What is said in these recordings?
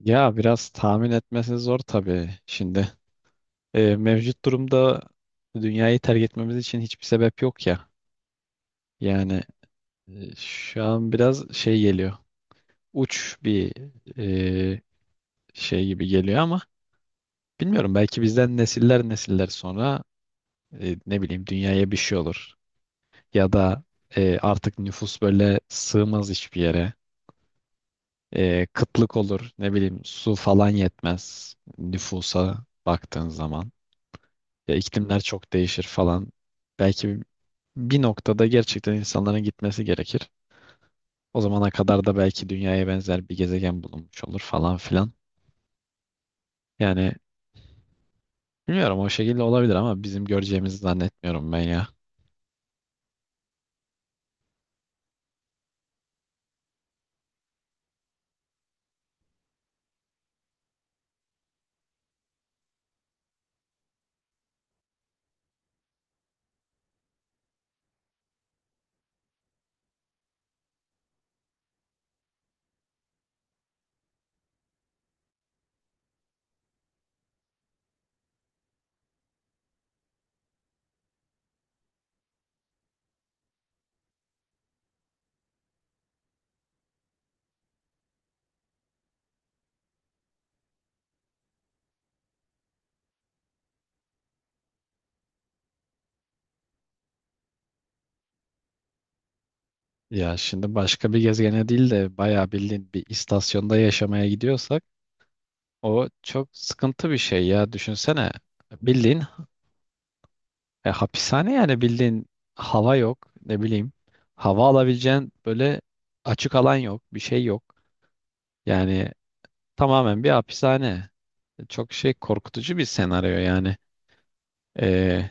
Ya biraz tahmin etmesi zor tabii şimdi. Mevcut durumda dünyayı terk etmemiz için hiçbir sebep yok ya. Yani şu an biraz şey geliyor. Uç bir e, şey gibi geliyor ama bilmiyorum, belki bizden nesiller nesiller sonra ne bileyim dünyaya bir şey olur. Ya da artık nüfus böyle sığmaz hiçbir yere. Kıtlık olur, ne bileyim su falan yetmez nüfusa baktığın zaman. Ya iklimler çok değişir falan. Belki bir noktada gerçekten insanların gitmesi gerekir. O zamana kadar da belki dünyaya benzer bir gezegen bulunmuş olur falan filan. Yani bilmiyorum, o şekilde olabilir ama bizim göreceğimizi zannetmiyorum ben ya. Ya şimdi başka bir gezegene değil de bayağı bildiğin bir istasyonda yaşamaya gidiyorsak o çok sıkıntı bir şey ya. Düşünsene, bildiğin hapishane yani, bildiğin hava yok ne bileyim. Hava alabileceğin böyle açık alan yok, bir şey yok. Yani tamamen bir hapishane. Çok şey korkutucu bir senaryo yani. Ee,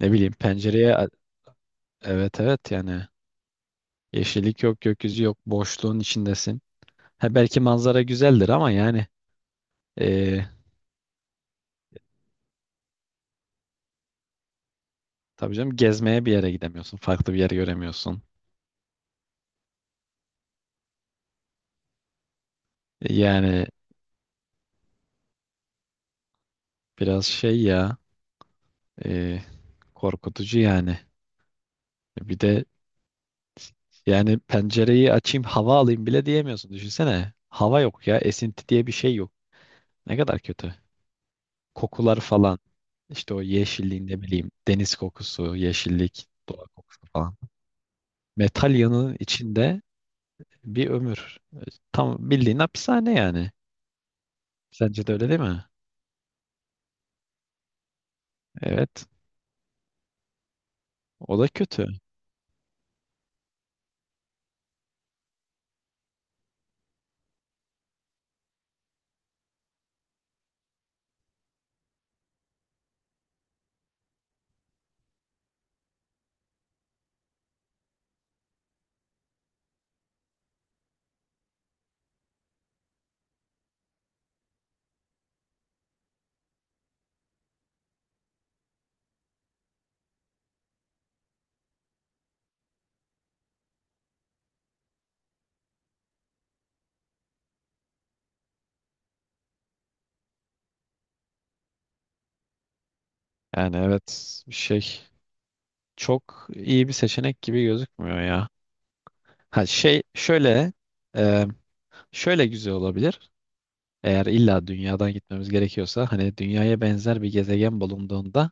ne bileyim pencereye, evet evet yani yeşillik yok, gökyüzü yok, boşluğun içindesin. Ha, belki manzara güzeldir ama yani ee, tabii canım gezmeye bir yere gidemiyorsun. Farklı bir yer göremiyorsun. Yani biraz şey ya, ee, korkutucu yani. Bir de yani pencereyi açayım hava alayım bile diyemiyorsun. Düşünsene, hava yok ya, esinti diye bir şey yok. Ne kadar kötü. Kokular falan. İşte o yeşilliğin, ne bileyim deniz kokusu, yeşillik, doğa kokusu falan. Metal yanının içinde bir ömür. Tam bildiğin hapishane yani. Sence de öyle değil mi? Evet. O da kötü. Yani evet, şey çok iyi bir seçenek gibi gözükmüyor ya. Ha şey şöyle, e, şöyle güzel olabilir. Eğer illa dünyadan gitmemiz gerekiyorsa, hani dünyaya benzer bir gezegen bulunduğunda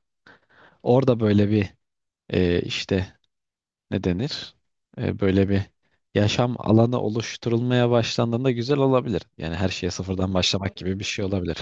orada böyle bir işte ne denir? Böyle bir yaşam alanı oluşturulmaya başlandığında güzel olabilir. Yani her şeye sıfırdan başlamak gibi bir şey olabilir.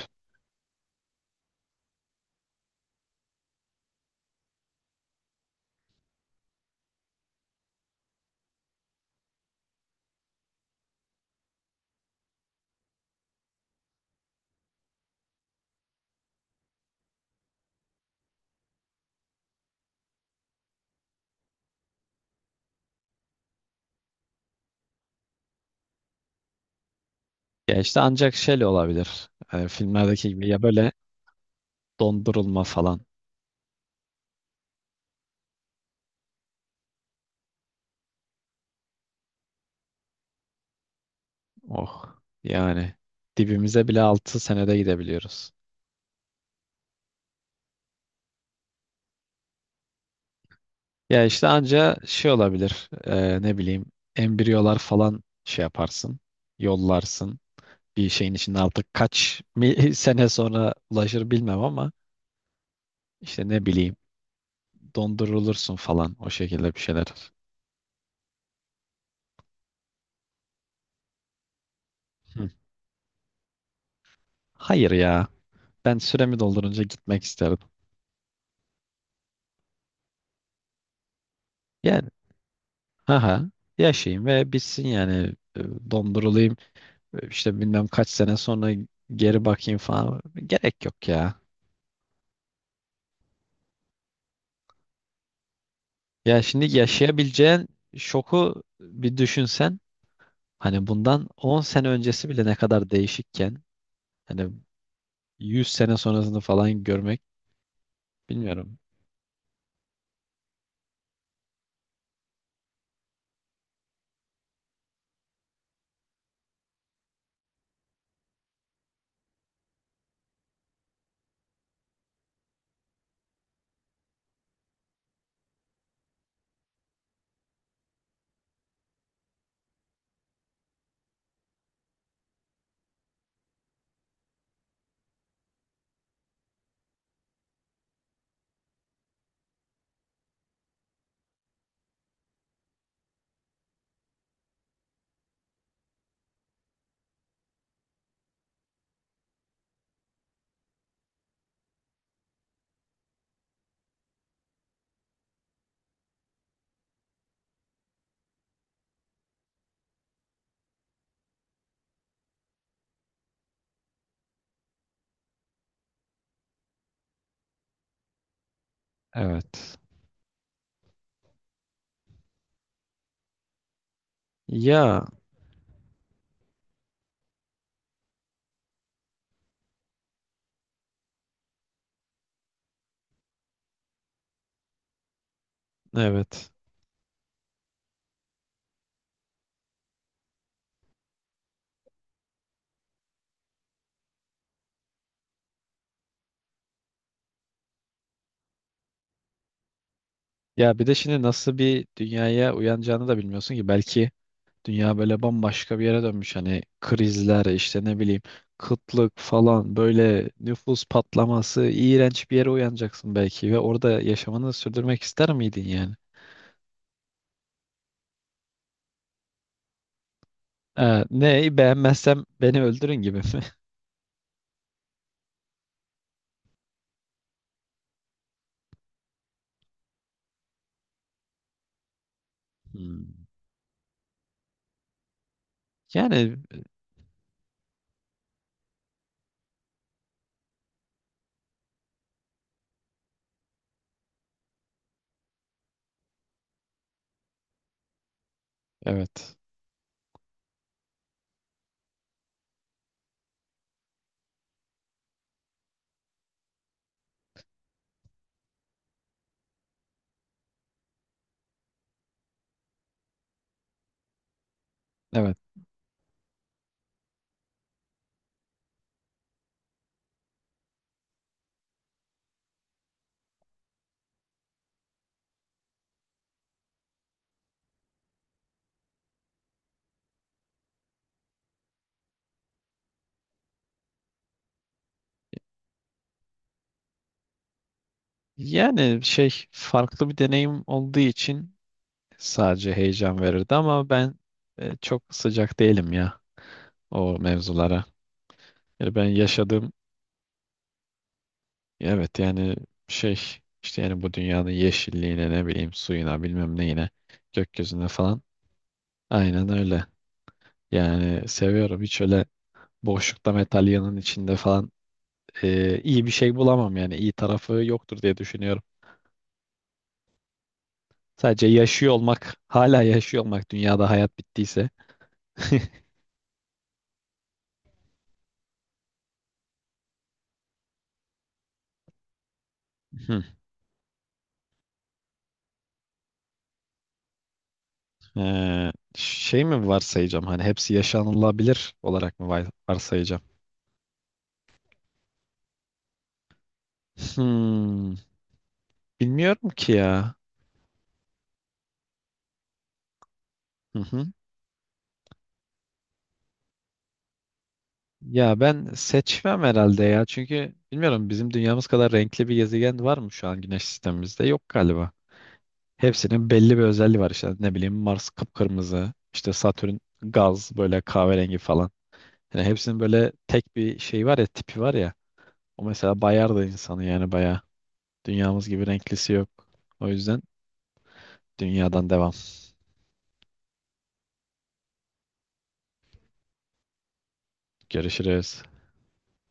Ya işte ancak şeyle olabilir. Filmlerdeki gibi ya, böyle dondurulma falan. Oh yani, dibimize bile 6 senede gidebiliyoruz. Ya işte anca şey olabilir. Ne bileyim embriyolar falan şey yaparsın. Yollarsın. Bir şeyin içinde artık kaç sene sonra ulaşır bilmem, ama işte ne bileyim dondurulursun falan, o şekilde bir şeyler. Hı. Hayır ya. Ben süremi doldurunca gitmek isterim. Yani haha, yaşayayım ve bitsin yani. Dondurulayım, işte bilmem kaç sene sonra geri bakayım falan, gerek yok ya. Ya şimdi yaşayabileceğin şoku bir düşünsen, hani bundan 10 sene öncesi bile ne kadar değişikken, hani 100 sene sonrasını falan görmek, bilmiyorum. Evet. Ya evet. Ya bir de şimdi nasıl bir dünyaya uyanacağını da bilmiyorsun ki. Belki dünya böyle bambaşka bir yere dönmüş. Hani krizler, işte ne bileyim kıtlık falan, böyle nüfus patlaması, iğrenç bir yere uyanacaksın belki. Ve orada yaşamını sürdürmek ister miydin yani? Ne beğenmezsem beni öldürün gibi mi? Hmm. Yani evet. Evet. Yani şey, farklı bir deneyim olduğu için sadece heyecan verirdi, ama ben çok sıcak değilim ya o mevzulara. Yani ben yaşadığım, evet yani şey, işte yani bu dünyanın yeşilliğine, ne bileyim suyuna, bilmem neyine, gökyüzüne falan, aynen öyle. Yani seviyorum, hiç öyle boşlukta metal metalyanın içinde falan iyi bir şey bulamam yani, iyi tarafı yoktur diye düşünüyorum. Sadece yaşıyor olmak, hala yaşıyor olmak dünyada hayat bittiyse. Hı. Şey mi varsayacağım, hani hepsi yaşanılabilir olarak mı varsayacağım? Hmm, bilmiyorum ki ya. Hı hı. Ya ben seçmem herhalde ya. Çünkü bilmiyorum, bizim dünyamız kadar renkli bir gezegen var mı şu an güneş sistemimizde? Yok galiba. Hepsinin belli bir özelliği var işte. Ne bileyim Mars kıpkırmızı, işte Satürn gaz böyle kahverengi falan. Yani hepsinin böyle tek bir şey var ya, tipi var ya. O mesela bayar da insanı yani, bayağı. Dünyamız gibi renklisi yok. O yüzden dünyadan devam. Görüşürüz.